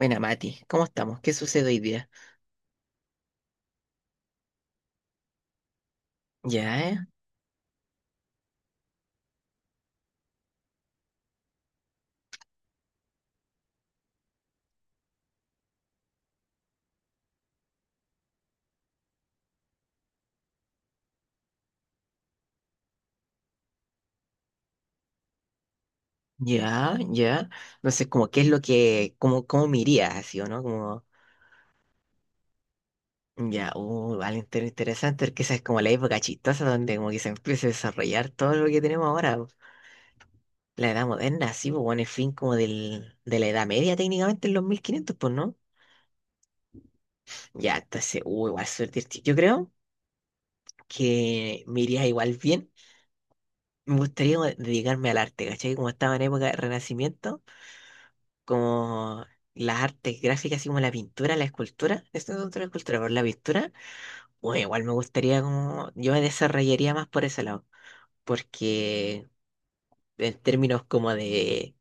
Buena, Mati, ¿cómo estamos? ¿Qué sucede hoy día? Ya, ya, ya. No sé, como qué es lo que, como, cómo me iría así, ¿o no? Como, ya, vale, interesante, porque esa es como la época chistosa donde como que se empieza a desarrollar todo lo que tenemos ahora. Po. La edad moderna, sí, pues bueno, el fin como del, de la edad media técnicamente en los 1500, pues, ¿no? Ya, entonces, igual suerte. Yo creo que me iría igual bien. Me gustaría como dedicarme al arte, ¿cachai? Como estaba en época de Renacimiento. Como las artes gráficas, así como la pintura, la escultura, esto es otra la escultura, pero la pintura, bueno, igual me gustaría como, yo me desarrollaría más por ese lado, porque en términos como de,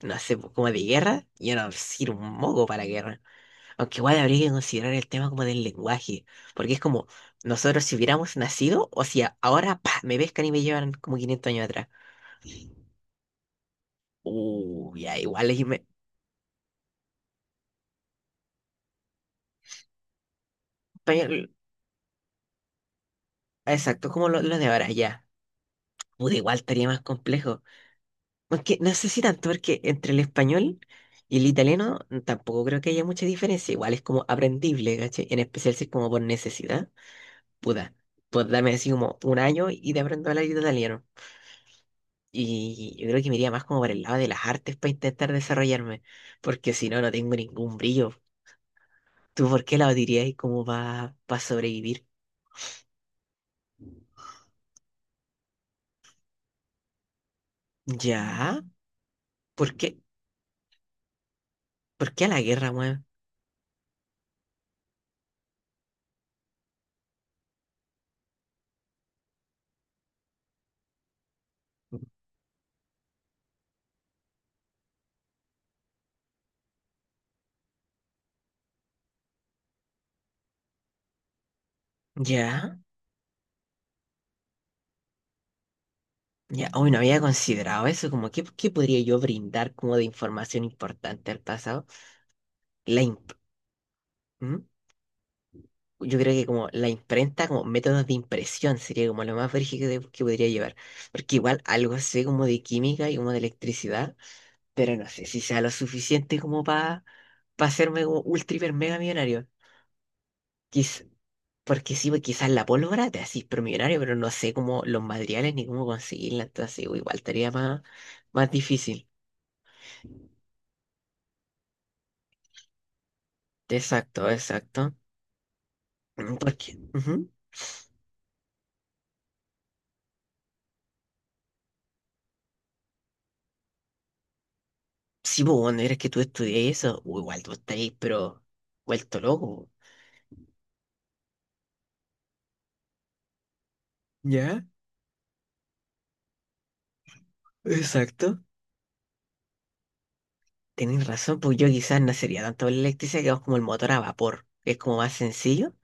no sé, pues, como de guerra, yo no sirvo un moco para la guerra, aunque igual habría que considerar el tema como del lenguaje, porque es como, nosotros si hubiéramos nacido, o sea, ahora, pa, me pescan y me llevan como 500 años atrás, ya, igual, pa- exacto, como lo de ahora, ya. Puta, igual estaría más complejo. Aunque no sé si tanto, porque entre el español y el italiano tampoco creo que haya mucha diferencia. Igual es como aprendible, ¿cachai? En especial si es como por necesidad. Puta, pues dame así como un año y te aprendo a hablar italiano. Y yo creo que me iría más como por el lado de las artes para intentar desarrollarme, porque si no, no tengo ningún brillo. ¿Tú por qué la dirías como para sobrevivir? ¿Ya? ¿Por qué? ¿Por qué a la guerra, weón? ¿Ya? Ya, hoy no había considerado eso, como qué, qué podría yo brindar como de información importante al pasado. La imp- ¿Mm? Yo creo que como la imprenta, como métodos de impresión sería como lo más brígido que podría llevar. Porque igual algo sé como de química y como de electricidad, pero no sé si sea lo suficiente como para hacerme como ultra hiper mega millonario. Quiz- Porque sí, pues quizás la pólvora te haces pero millonario, pero no sé cómo los materiales ni cómo conseguirla, entonces igual estaría más, más difícil. Exacto, exacto. Mm, porque, ujú. Sí, pues, bueno, eres que tú estudias eso, o igual tú estáis, pero vuelto loco. ¿Ya? Exacto. Tenés razón, pues yo quizás no sería tanto la electricidad, que es como el motor a vapor, que es como más sencillo.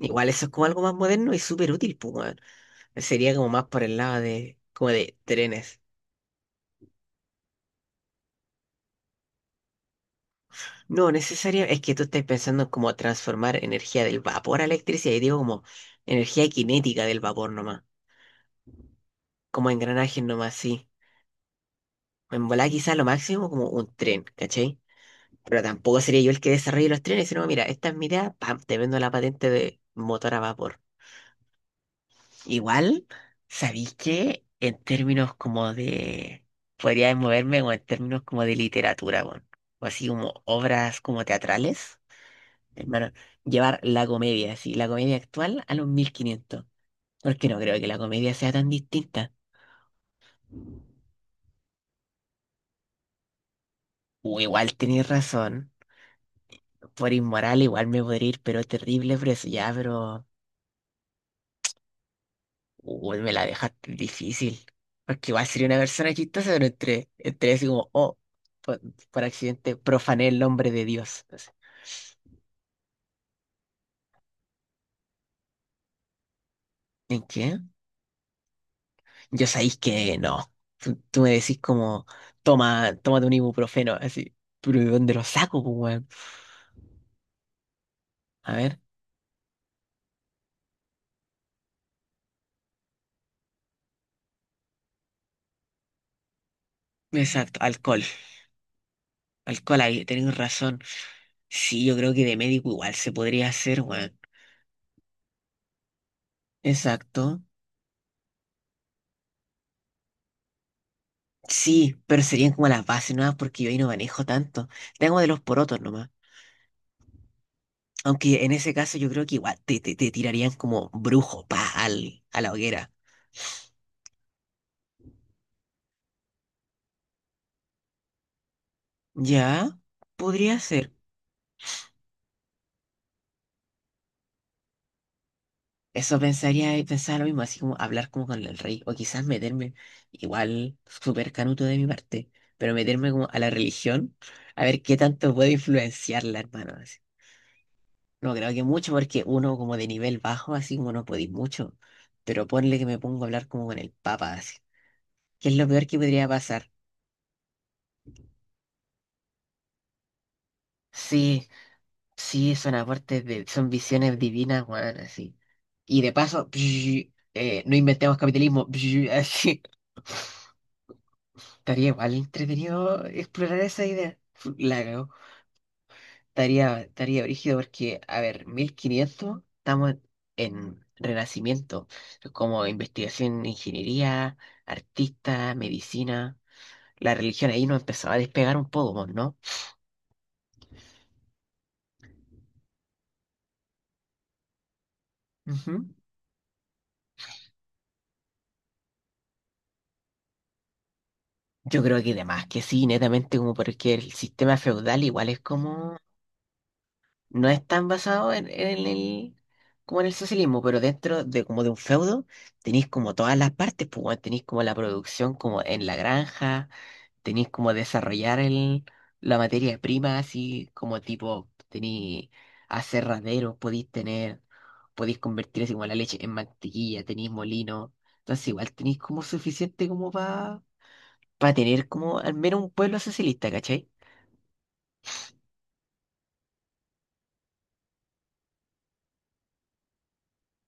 Igual eso es como algo más moderno y súper útil, pues, weón. Sería como más por el lado de, como de trenes. No, necesario, es que tú estás pensando en cómo transformar energía del vapor a electricidad, y digo como energía cinética del vapor nomás, como engranajes nomás, sí. En volada quizás lo máximo como un tren, ¿cachai? Pero tampoco sería yo el que desarrolle los trenes, sino, mira, esta es mi idea, pam, te vendo la patente de motor a vapor. Igual, ¿sabéis que en términos como de... podría moverme o en términos como de literatura, weón, o así como obras como teatrales, hermano, llevar la comedia, así, la comedia actual a los 1500? Porque no creo que la comedia sea tan distinta. O igual tenéis razón, por inmoral igual me podría ir, pero terrible por eso, ya, pero... Uy, me la dejaste difícil. Porque igual sería una persona chistosa, pero entre así como, oh, por, por accidente profané el nombre de Dios. Así. ¿En qué? Yo sabéis que no. Tú me decís como, toma, tómate un ibuprofeno, así. Pero ¿de dónde lo saco, pues, weón? A ver. Exacto, alcohol. Alcohol ahí, tenéis razón. Sí, yo creo que de médico igual se podría hacer, weón. Exacto. Sí, pero serían como las bases no, porque yo ahí no manejo tanto. Tengo de los porotos nomás. Aunque en ese caso yo creo que igual te tirarían como brujo, pa, al, a la hoguera. Ya, podría ser. Eso pensaría, pensaba lo mismo, así como hablar como con el rey, o quizás meterme, igual, súper canuto de mi parte, pero meterme como a la religión, a ver qué tanto puedo influenciarla, hermano. Así. No creo que mucho, porque uno como de nivel bajo, así como no podéis mucho, pero ponle que me pongo a hablar como con el papa, así. ¿Qué es lo peor que podría pasar? Sí. Sí, son aportes de, son visiones divinas, weón, así. Y de paso, no inventemos capitalismo, así. Estaría igual entretenido explorar esa idea. La cagó. Estaría brígido porque, a ver, 1500 estamos en renacimiento, como investigación, ingeniería, artista, medicina. La religión ahí nos empezó a despegar un poco, ¿no? Ujú. Yo creo que además que sí, netamente como porque el sistema feudal igual es como, no es tan basado como en el socialismo, pero dentro de como de un feudo tenéis como todas las partes, pues bueno, tenéis como la producción como en la granja, tenéis como desarrollar el, la materia prima, así como tipo, tenéis aserraderos, podéis tener, podéis convertir así como la leche en mantequilla, tenéis molino, entonces igual tenéis como suficiente como para tener como al menos un pueblo socialista, ¿cachai?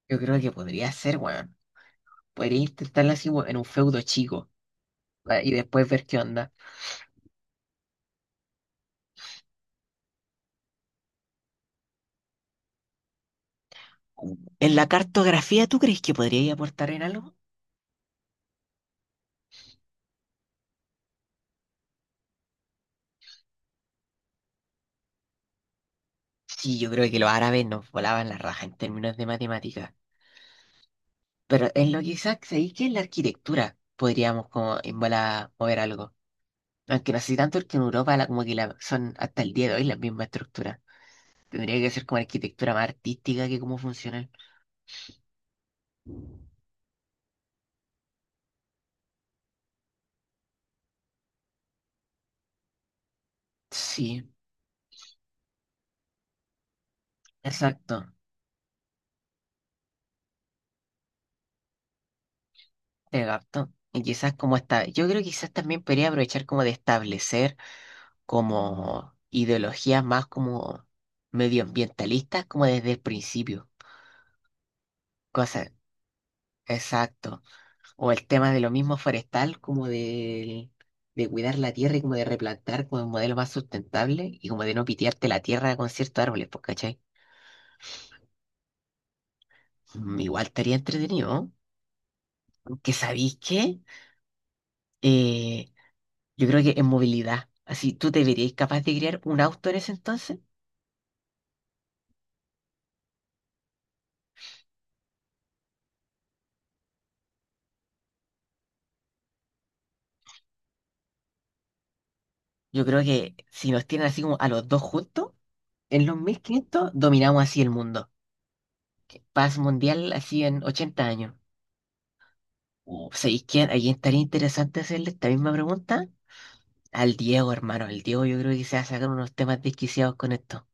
Yo creo que podría ser, weón. Podría intentarlo así weón, en un feudo chico, ah, y después ver qué onda. ¿En la cartografía tú crees que podría aportar en algo? Sí, yo creo que los árabes nos volaban la raja en términos de matemáticas. Pero en lo que quizás ahí que en la arquitectura podríamos como en bola mover algo. Aunque no sé tanto que en Europa como que la, son hasta el día de hoy las mismas estructuras. Tendría que ser como arquitectura más artística que como funcional. Sí, exacto. Te capto. Y quizás como está, yo creo que quizás también podría aprovechar como de establecer como ideologías más como medioambientalistas como desde el principio. Cosa, exacto. O el tema de lo mismo forestal como de cuidar la tierra y como de replantar como un modelo más sustentable y como de no pitearte la tierra con ciertos árboles, pues, ¿cachai? Mm, igual estaría entretenido. ¿No? Aunque sabéis que eh, yo creo que en movilidad. Así, ¿tú te verías capaz de crear un auto en ese entonces? Yo creo que si nos tienen así como a los dos juntos, en los 1500 dominamos así el mundo. Paz mundial así en 80 años. ¿Sabéis quién? ¿A quién estaría interesante hacerle esta misma pregunta? Al Diego, hermano. El Diego yo creo que se va a sacar unos temas desquiciados con esto.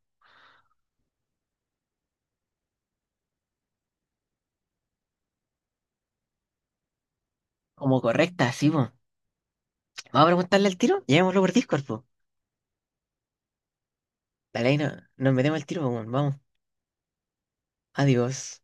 Como correcta, así, pues. Vamos a preguntarle al tiro. Llevémoslo por Discord, pues. Dale, ahí no, nos metemos al tiro, po, weón. Vamos. Adiós.